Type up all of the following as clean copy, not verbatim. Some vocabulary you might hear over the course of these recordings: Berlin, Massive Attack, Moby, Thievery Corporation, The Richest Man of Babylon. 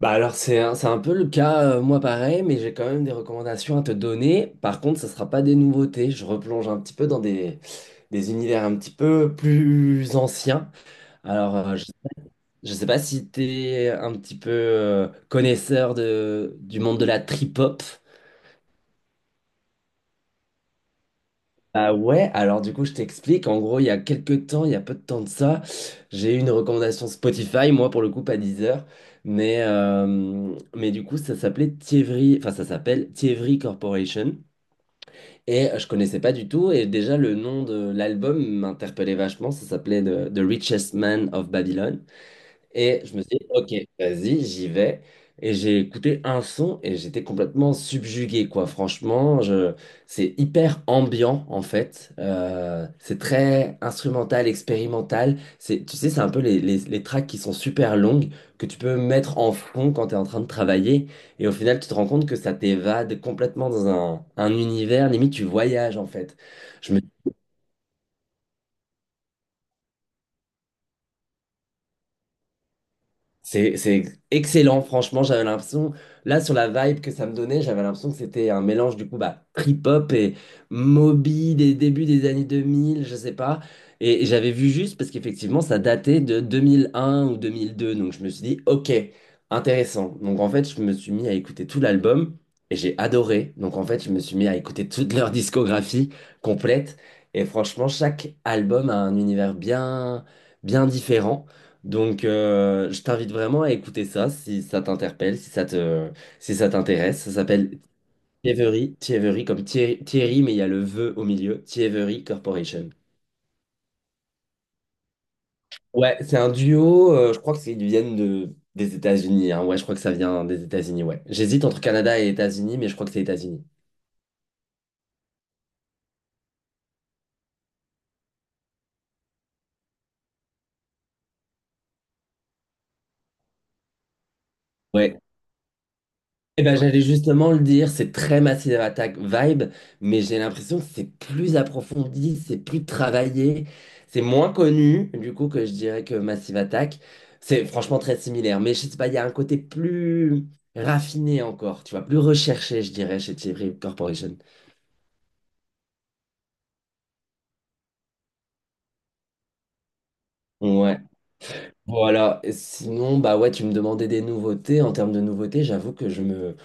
C'est un peu le cas, moi pareil, mais j'ai quand même des recommandations à te donner. Par contre, ça sera pas des nouveautés. Je replonge un petit peu des univers un petit peu plus anciens. Alors, euh, je, je sais pas si tu es un petit peu connaisseur du monde de la trip-hop. Ah ouais, alors du coup je t'explique, en gros il y a quelques temps, il y a peu de temps de ça, j'ai eu une recommandation Spotify, moi pour le coup pas Deezer, mais du coup ça s'appelait Thievery, enfin ça s'appelle Thievery Corporation, et je connaissais pas du tout, et déjà le nom de l'album m'interpellait vachement, ça s'appelait The Richest Man of Babylon, et je me suis dit, ok, vas-y, j'y vais. Et j'ai écouté un son et j'étais complètement subjugué, quoi. C'est hyper ambiant, en fait. C'est très instrumental, expérimental. C'est, tu sais, c'est un peu les tracks qui sont super longues, que tu peux mettre en fond quand tu es en train de travailler. Et au final, tu te rends compte que ça t'évade complètement un univers. Limite, tu voyages, en fait. C'est excellent, franchement, j'avais l'impression, là sur la vibe que ça me donnait, j'avais l'impression que c'était un mélange du coup bah, trip-hop et Moby des débuts des années 2000, je sais pas. Et j'avais vu juste parce qu'effectivement ça datait de 2001 ou 2002, donc je me suis dit ok, intéressant. Donc en fait je me suis mis à écouter tout l'album et j'ai adoré. Donc en fait je me suis mis à écouter toute leur discographie complète et franchement chaque album a un univers bien différent. Je t'invite vraiment à écouter ça si ça t'interpelle, si ça t'intéresse. Ça s'appelle Thievery comme Thierry, mais il y a le vœu au milieu, Thievery Corporation. Ouais, c'est un duo, je crois que c'est- ils viennent des États-Unis, hein. Ouais, je crois que ça vient des États-Unis, ouais. J'hésite entre Canada et États-Unis, mais je crois que c'est États-Unis. Ouais, eh ben, j'allais justement le dire, c'est très Massive Attack vibe, mais j'ai l'impression que c'est plus approfondi, c'est plus travaillé, c'est moins connu, du coup, que je dirais que Massive Attack. C'est franchement très similaire, mais je sais pas, il y a un côté plus raffiné encore, tu vois, plus recherché, je dirais, chez Thierry Corporation. Ouais, voilà. Et sinon, bah ouais, tu me demandais des nouveautés. En termes de nouveautés, j'avoue que je me,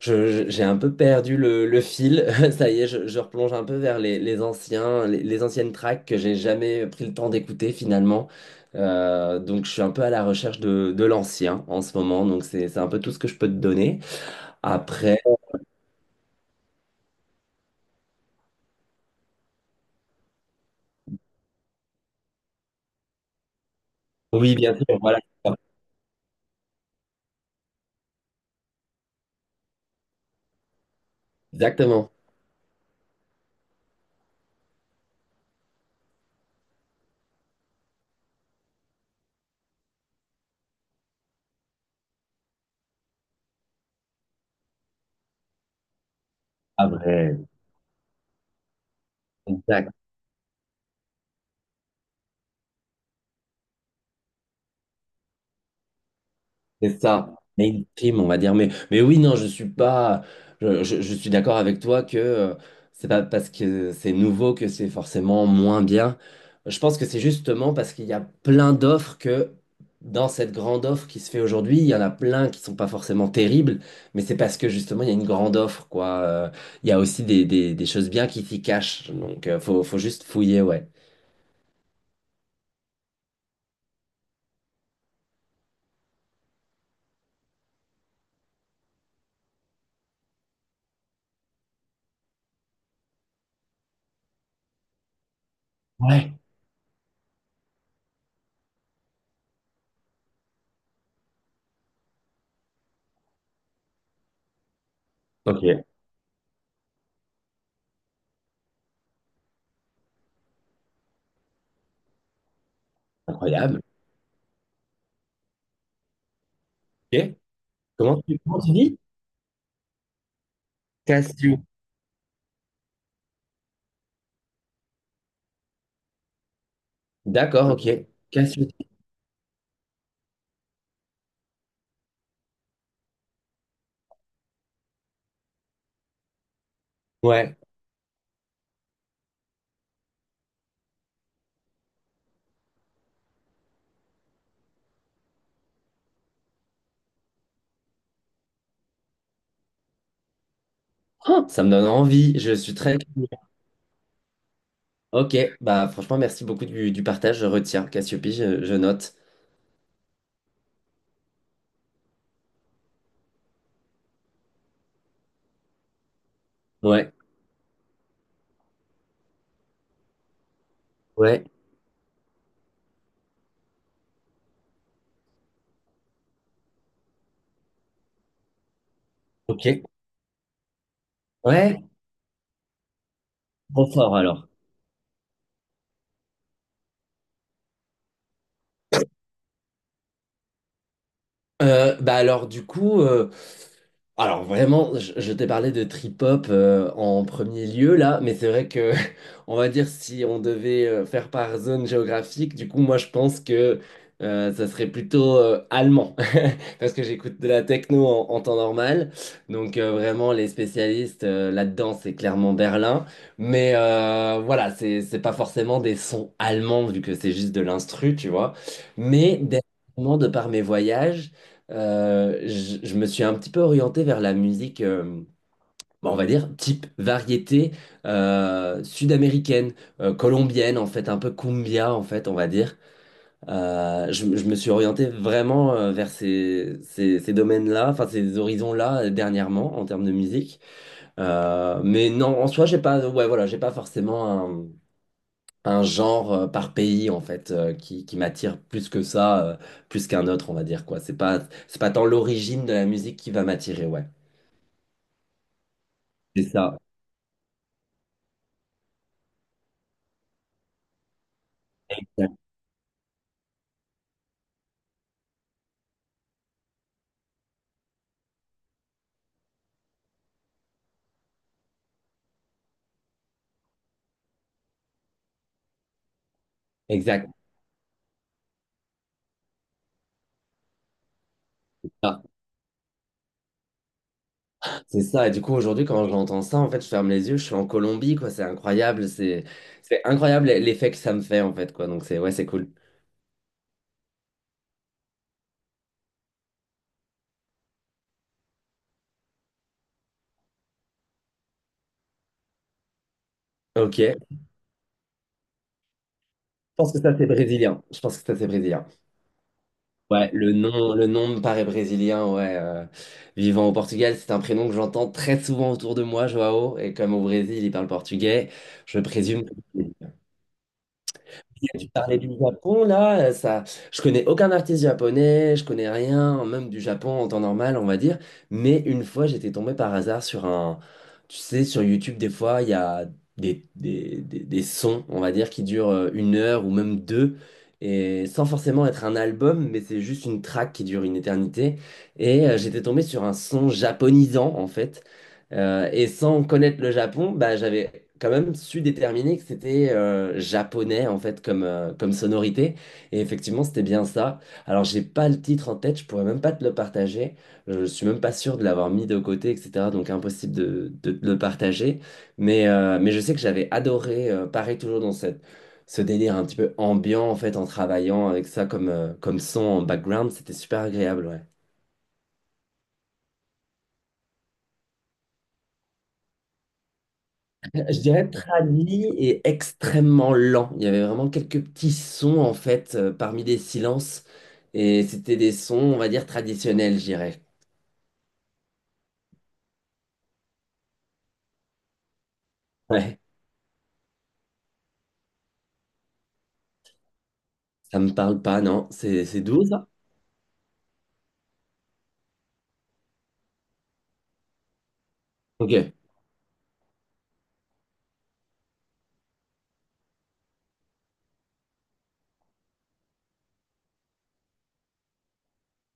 Je- je- j'ai un peu perdu le fil. Ça y est, je replonge un peu vers les anciennes tracks que j'ai jamais pris le temps d'écouter finalement. Donc je suis un peu à la recherche de l'ancien en ce moment. Donc c'est un peu tout ce que je peux te donner. Après, oui, bien sûr, voilà. Exactement. Après, exact. C'est ça, mainstream, on va dire. Mais oui, non, je suis pas. Je suis d'accord avec toi que c'est pas parce que c'est nouveau que c'est forcément moins bien. Je pense que c'est justement parce qu'il y a plein d'offres que dans cette grande offre qui se fait aujourd'hui, il y en a plein qui sont pas forcément terribles, mais c'est parce que justement il y a une grande offre, quoi. Il y a aussi des choses bien qui s'y cachent. Donc faut, faut juste fouiller, ouais. Ouais. Ok, incroyable. Ok. Comment tu dis? Cassio. D'accord, ok. Cassio. Ouais. Oh, ça me donne envie. Je suis très curieux. Ok, bah franchement, merci beaucoup du partage. Je retiens. Cassiope, je note. Ouais. Ouais. Ok. Ouais. Trop fort alors. Euh, bah alors du coup, euh, alors vraiment, je t'ai parlé de trip-hop en premier lieu là, mais c'est vrai que on va dire si on devait faire par zone géographique, du coup moi je pense que ça serait plutôt allemand parce que j'écoute de la techno en temps normal, donc vraiment les spécialistes là-dedans c'est clairement Berlin, mais voilà, c'est pas forcément des sons allemands vu que c'est juste de l'instru tu vois, mais dernièrement, de par mes voyages je me suis un petit peu orienté vers la musique, bon, on va dire, type variété sud-américaine, colombienne, en fait, un peu cumbia, en fait, on va dire. Je me suis orienté vraiment vers ces domaines-là, enfin, ces horizons-là, dernièrement, en termes de musique. Mais non, en soi, j'ai pas, ouais, voilà, j'ai pas forcément un genre par pays en fait qui m'attire plus que ça, plus qu'un autre, on va dire quoi. C'est pas tant l'origine de la musique qui va m'attirer, ouais. C'est ça. Exact. Ah, c'est ça. Et du coup, aujourd'hui, quand j'entends ça, en fait, je ferme les yeux, je suis en Colombie, quoi. C'est incroyable l'effet que ça me fait, en fait, quoi. Donc c'est ouais, c'est cool. Ok. Je pense que ça c'est brésilien. Je pense que ça c'est brésilien. Ouais, le nom me paraît brésilien, ouais. Vivant au Portugal, c'est un prénom que j'entends très souvent autour de moi, Joao, et comme au Brésil, il parle portugais, je présume. Que tu parlais du Japon, là, je connais aucun artiste japonais, je connais rien, même du Japon en temps normal, on va dire. Mais une fois, j'étais tombé par hasard tu sais, sur YouTube, des fois, il y a des sons, on va dire, qui durent une heure ou même deux, et sans forcément être un album, mais c'est juste une track qui dure une éternité. Et j'étais tombé sur un son japonisant, en fait. Et sans connaître le Japon, bah, j'avais quand même su déterminer que c'était japonais en fait comme, comme sonorité. Et effectivement, c'était bien ça. Alors, j'ai pas le titre en tête, je pourrais même pas te le partager. Je suis même pas sûr de l'avoir mis de côté, etc. Donc, impossible de te le partager. Mais je sais que j'avais adoré, pareil, toujours dans cette, ce délire un petit peu ambiant en fait, en travaillant avec ça comme, comme son en background. C'était super agréable, ouais. Je dirais tradi et extrêmement lent. Il y avait vraiment quelques petits sons en fait parmi des silences et c'était des sons, on va dire traditionnels, je dirais. Ouais, ça me parle pas, non? C'est doux ça? Ok,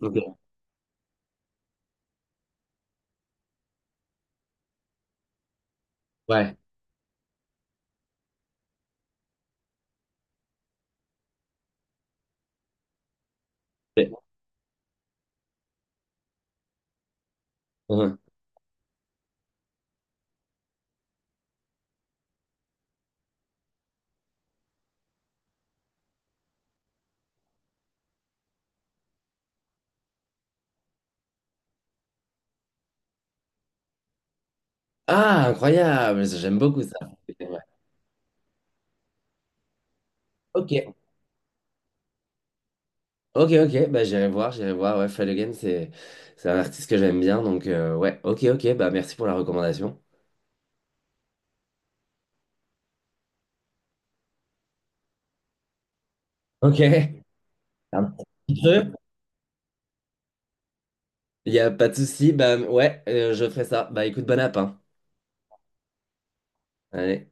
ok, ouais. Ouais. Uhum. Ah, incroyable, ça, j'aime beaucoup ça. Ouais. Ok, ok, ok, bah j'irai voir, j'irai voir. Ouais, Fred Again, c'est un artiste que j'aime bien, donc ouais, ok, ok, bah merci pour la recommandation. Ok. Un petit creux. Il n'y a pas de souci. Bah, ouais, je ferai ça. Bah, écoute, bon app, hein. Allez.